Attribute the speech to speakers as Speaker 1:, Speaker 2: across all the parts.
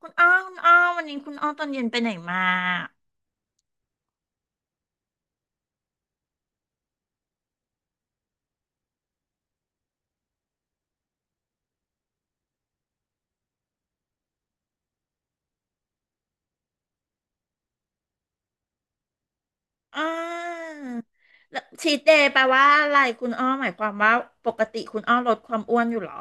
Speaker 1: คุณอ้อวันนี้คุณอ้อตอนเย็นไปไหนมาอ่าแล้วชีทเดย์แปลว่าอะไรคุณอ้อหมายความว่าปกติคุณอ้อลดความอ้วนอยู่เหรอ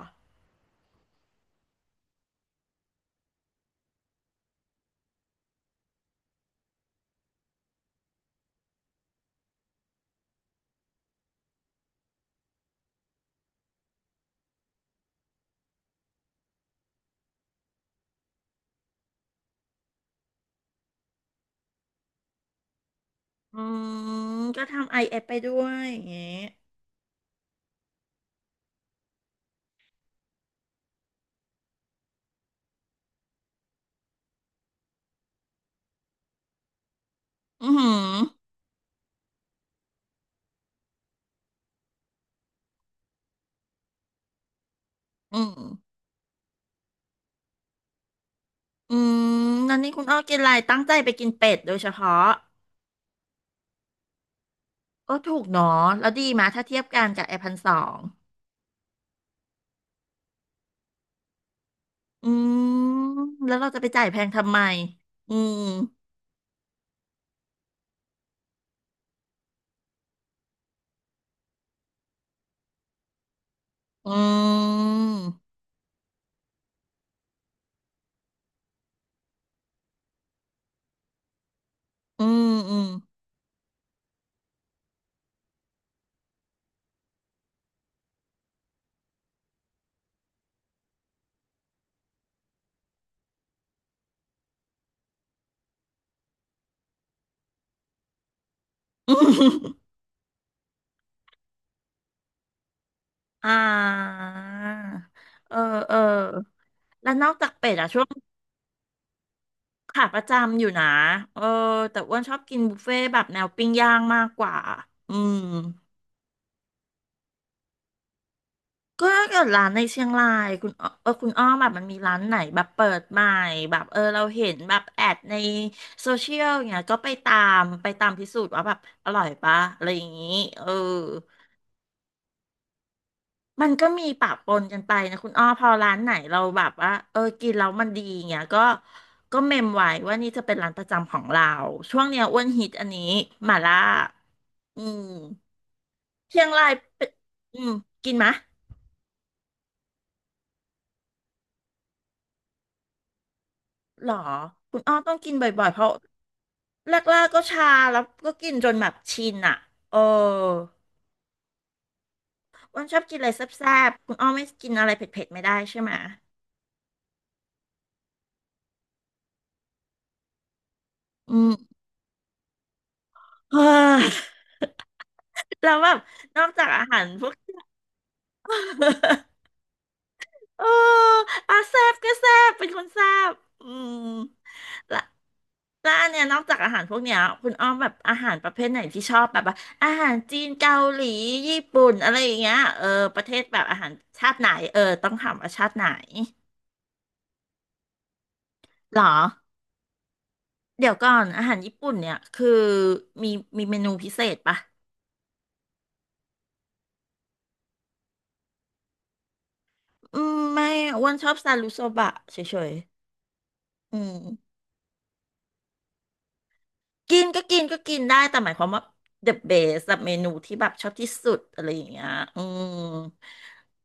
Speaker 1: อืมก็ทำไอเอฟไปด้วยอย่างเงี้ยอือหืออืมอืมนั้นนี่คุณอ้อกินอะไรตั้งใจไปกินเป็ดโดยเฉพาะโอ้ถูกเนาะแล้วดีมาถ้าเทียบกันกับไอพันสองอืมแล้วเราจะไปจ่ายแพงทำไมอืมอืมอืมอืม อ่า เออ เออ แล้วนอกจากเป็ดอะช่วงขาประจำอยู่นะ เออ แต่อ้วนชอบกินบุฟเฟ่ต์แบบแนวปิ้งย่างมากกว่า อืม ก็ถ้าเกิดร้านในเชียงรายคุณอ้อเออคุณอ้อมแบบมันมีร้านไหนแบบเปิดใหม่แบบเออเราเห็นแบบแอดในโซเชียลอย่างเงี้ยก็ไปตามพิสูจน์ว่าแบบอร่อยปะอะไรอย่างงี้เออ มันก็มีปะปนกันไปนะคุณอ้อพอร้านไหนเราแบบว่าเออกินแล้วมันดีเงี้ยก็เมมไว้ว่านี่จะเป็นร้านประจำของเราช่วงเนี้ยอ้วนฮิตอันนี้หม่าล่าอืมเชียงรายเป็นอืมกินมะหรอคุณอ้อต้องกินบ่อยๆเพราะแรกๆก็ชาแล้วก็กินจนแบบชินอ่ะเอออ้วนชอบกินอะไรแซ่บๆคุณอ้อไม่กินอะไรเผ็ดๆไม่ได้ใช่ไหมะอืม เฮ้ยแล้วแบบนอกจากอาหารพวก เอออ่ะแซบก็แซบเป็นคนแซบอืมและแล้วอันเนี้ยนอกจากอาหารพวกเนี้ยคุณอ้อมแบบอาหารประเภทไหนที่ชอบแบบว่าอาหารจีนเกาหลีญี่ปุ่นอะไรอย่างเงี้ยเออ ประเทศแบบอาหารชาติไหน เออ ต้องถามว่าชาติไหนหรอ เดี๋ยวก่อน อาหารญี่ปุ่นเนี่ย คือมีมีเมนูพิเศษปะอืมไม่อ้วนชอบซารุโซบะเฉยๆอืม กินก็กินก็กินได้แต่หมายความว่า the best แบบเมนูที่แบบชอบที่สุดอะไรอย่างเงี้ยอืม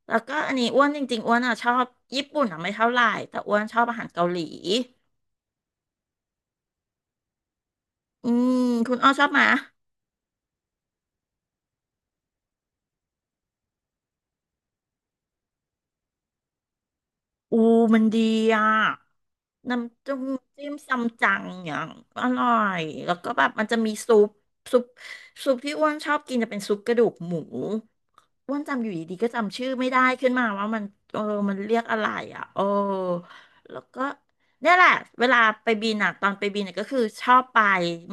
Speaker 1: แล้วก็อันนี้อ้วนจริงๆอ้วนอ่ะชอบญี่ปุ่นอ่ะไม่เท่าไหร่แต่อ้วนชอบอาหารเกาหลีอืมคุณอ้อชอบไหมอูมันดีอ่ะน้ำจิ้มจิ้มซัมจังอย่างอร่อยแล้วก็แบบมันจะมีซุปซุปซุปที่อ้วนชอบกินจะเป็นซุปกระดูกหมู อ้วนจำอยู่ดีๆก็จำชื่อไม่ได้ขึ้นมาว่ามันเออมันเรียกอะไรอ่ะโอ้แล้วก็เนี่ยแหละเวลาไปบินอ่ะตอนไปบินเน่ยก็คือชอบไป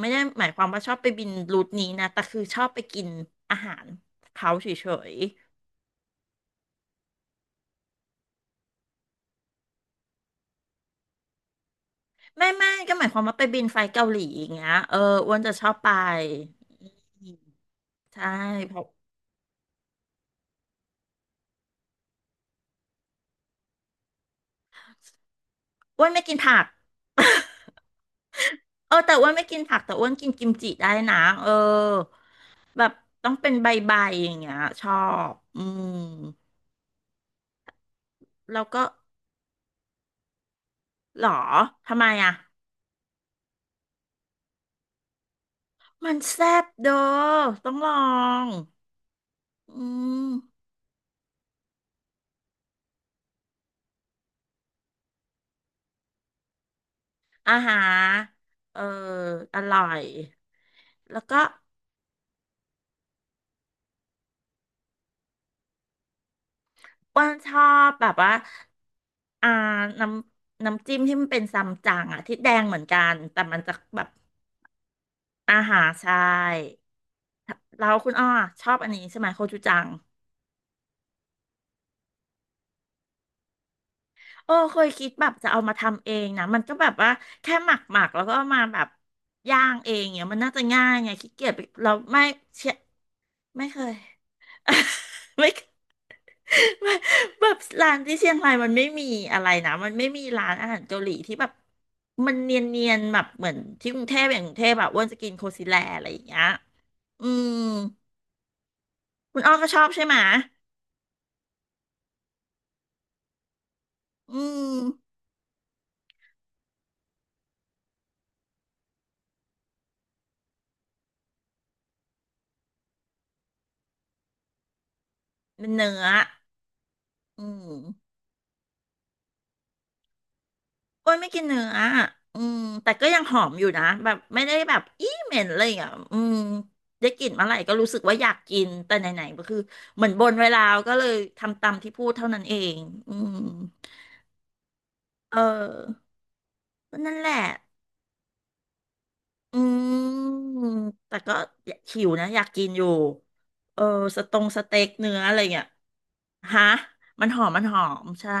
Speaker 1: ไม่ได้หมายความว่าชอบไปบินรูทนี้นะแต่คือชอบไปกินอาหารเขาเฉยๆไม่ก็หมายความว่าไปบินไฟล์เกาหลีอย่างเงี้ยเอออ้วนจะชอบไปอืมใช่เพราะอ้วนไม่กินผัก เออแต่อ้วนไม่กินผักแต่อ้วนกินกิมจิได้นะเออแบบต้องเป็นใบๆอย่างเงี้ยชอบอืมแล้วก็หรอทำไมอ่ะมันแซ่บเด้อต้องลองอืมอาหารเอออร่อยแล้วก็อ้วนชอบแบบว่าอ่าน้ำน้ำจิ้มที่มันเป็นซัมจั๋งอ่ะที่แดงเหมือนกันแต่มันจะแบบอาหารใช่ แล้วคุณอ้อชอบอันนี้ใช่ไหมโคจูจังโอ้เคยคิดแบบจะเอามาทำเองนะมันก็แบบว่าแค่หมักหมักแล้วก็เอามาแบบย่างเองเนี่ยมันน่าจะง่ายไงขี้เกียจไปเราไม่เชยไม่เคย ไม่เคย ไม่แบบร้านที่เชียงรายมันไม่มีอะไรนะมันไม่มีร้านอาหารเกาหลีที่แบบมันเนียนๆแบบเหมือนที่กรุงเทพอย่างกรุงเทพแบบอ้วนจะกินโคซิแลอะไรอย่างเงี้ยอืมคุณอ้อก็ชอบใช่ไหมะอืมเป็นเนื้อ อืมอ้วนไม่กินเนื้ออ่ะอืมแต่ก็ยังหอมอยู่นะแบบไม่ได้แบบอี้เหม็นเลยอ่ะอืมได้กลิ่นเมื่อไหร่ก็รู้สึกว่าอยากกิน แต่ไหนๆก็คือเหมือนบนไว้แล้วก็เลยทำตามที่พูดเท่านั้นเองอืมเออก็นั่นแหละอืมแต่ก็หิวนะอยากกินอยู่เออสตงสเต็กเนื้ออะไรเงี้ยฮะมันหอมมันหอมใช่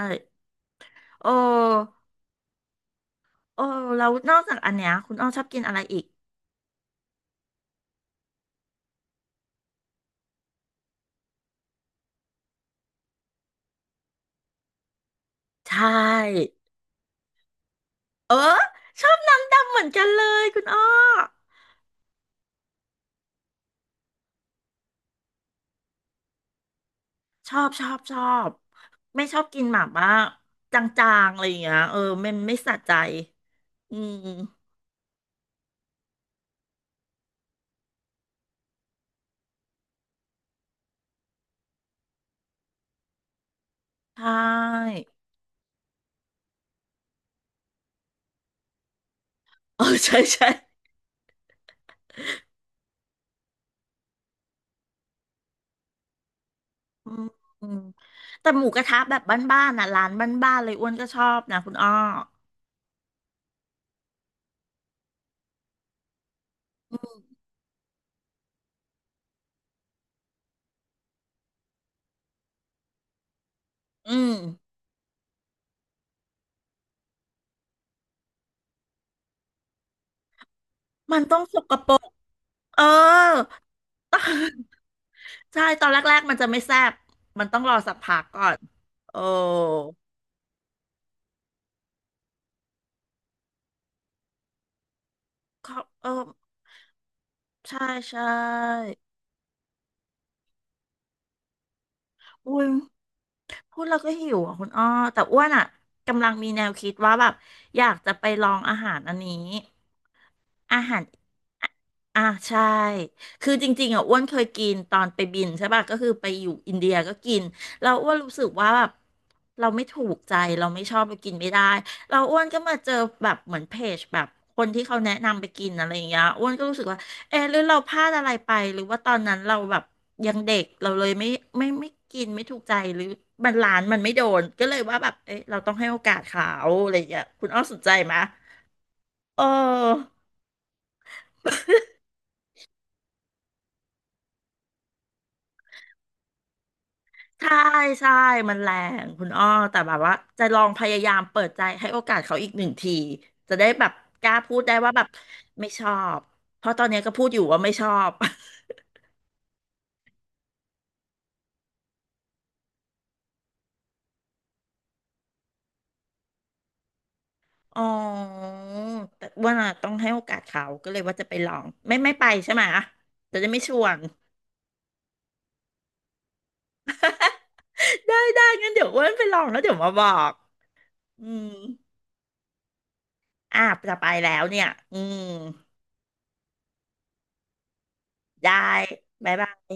Speaker 1: โอ้โอ้แล้วนอกจากอันเนี้ยคุณอ้อชอบกินอะไรอีก ใช่ เออชอบน้ำดำเหมือนกันเลยคุณอ้อชอบชอบไม่ชอบกินหม่าม่าจางๆอะไรอย่างเงี้ยเออมันไม่สะใจอืมใช่ เออใช่ใช่อืมอืมแต่หมูกระทะแบบบ้านๆน่ะร้านบ้านๆเลยอ้วนก็ชอบนะคุณอ้ออืมมันต้องสกปรกเออ ใช่ตอนแรกๆมันจะไม่แซ่บมันต้องรอสักพักก่อนโอ้เขาเออใช่ใช่ อุ้ยพูดแล้วก็หิวอ่ะคุณอ้อแต่อ้วนอ่ะกำลังมีแนวคิดว่าแบบอยากจะไปลองอาหารอันนี้อาหารอ่าใช่คือจริงๆอ่ะอ้วนเคยกินตอนไปบินใช่ป่ะก็คือไปอยู่อินเดียก็กินเราอ้วนรู้สึกว่าแบบเราไม่ถูกใจเราไม่ชอบไปกินไม่ได้เราอ้วนก็มาเจอแบบเหมือนเพจแบบคนที่เขาแนะนำไปกินอะไรอย่างเงี้ยอ้วนก็รู้สึกว่า เอะหรือเราพลาดอะไรไปหรือว่าตอนนั้นเราแบบยังเด็กเราเลยไม่กินไม่ถูกใจหรือมันร้านมันไม่โดนก็เลยว่าแบบเอ๊ะเราต้องให้โอกาสเขาอะไรอย่างเงี้ยคุณอ้อสนใจไหมะเออใช่ใช่มันแรงคุณอ้อแต่แบบว่าจะลองพยายามเปิดใจให้โอกาสเขาอีกหนึ่งทีจะได้แบบกล้าพูดได้ว่าแบบไม่ชอบเพราะตอนเนี้ยก็พูดอยู่ว่าไม่ชอบ อ๋อแต่ว่าน่ะต้องให้โอกาสเขาก็เลยว่าจะไปลองไม่ไปใช่ไหมจะได้ไม่ชวน ได้ได้งั้นเดี๋ยวอ้วนไปลองแล้วเดี๋ยวมาบอกอืมอ่ะจะไปแล้วเนี่ยอืมได้บ๊ายบาย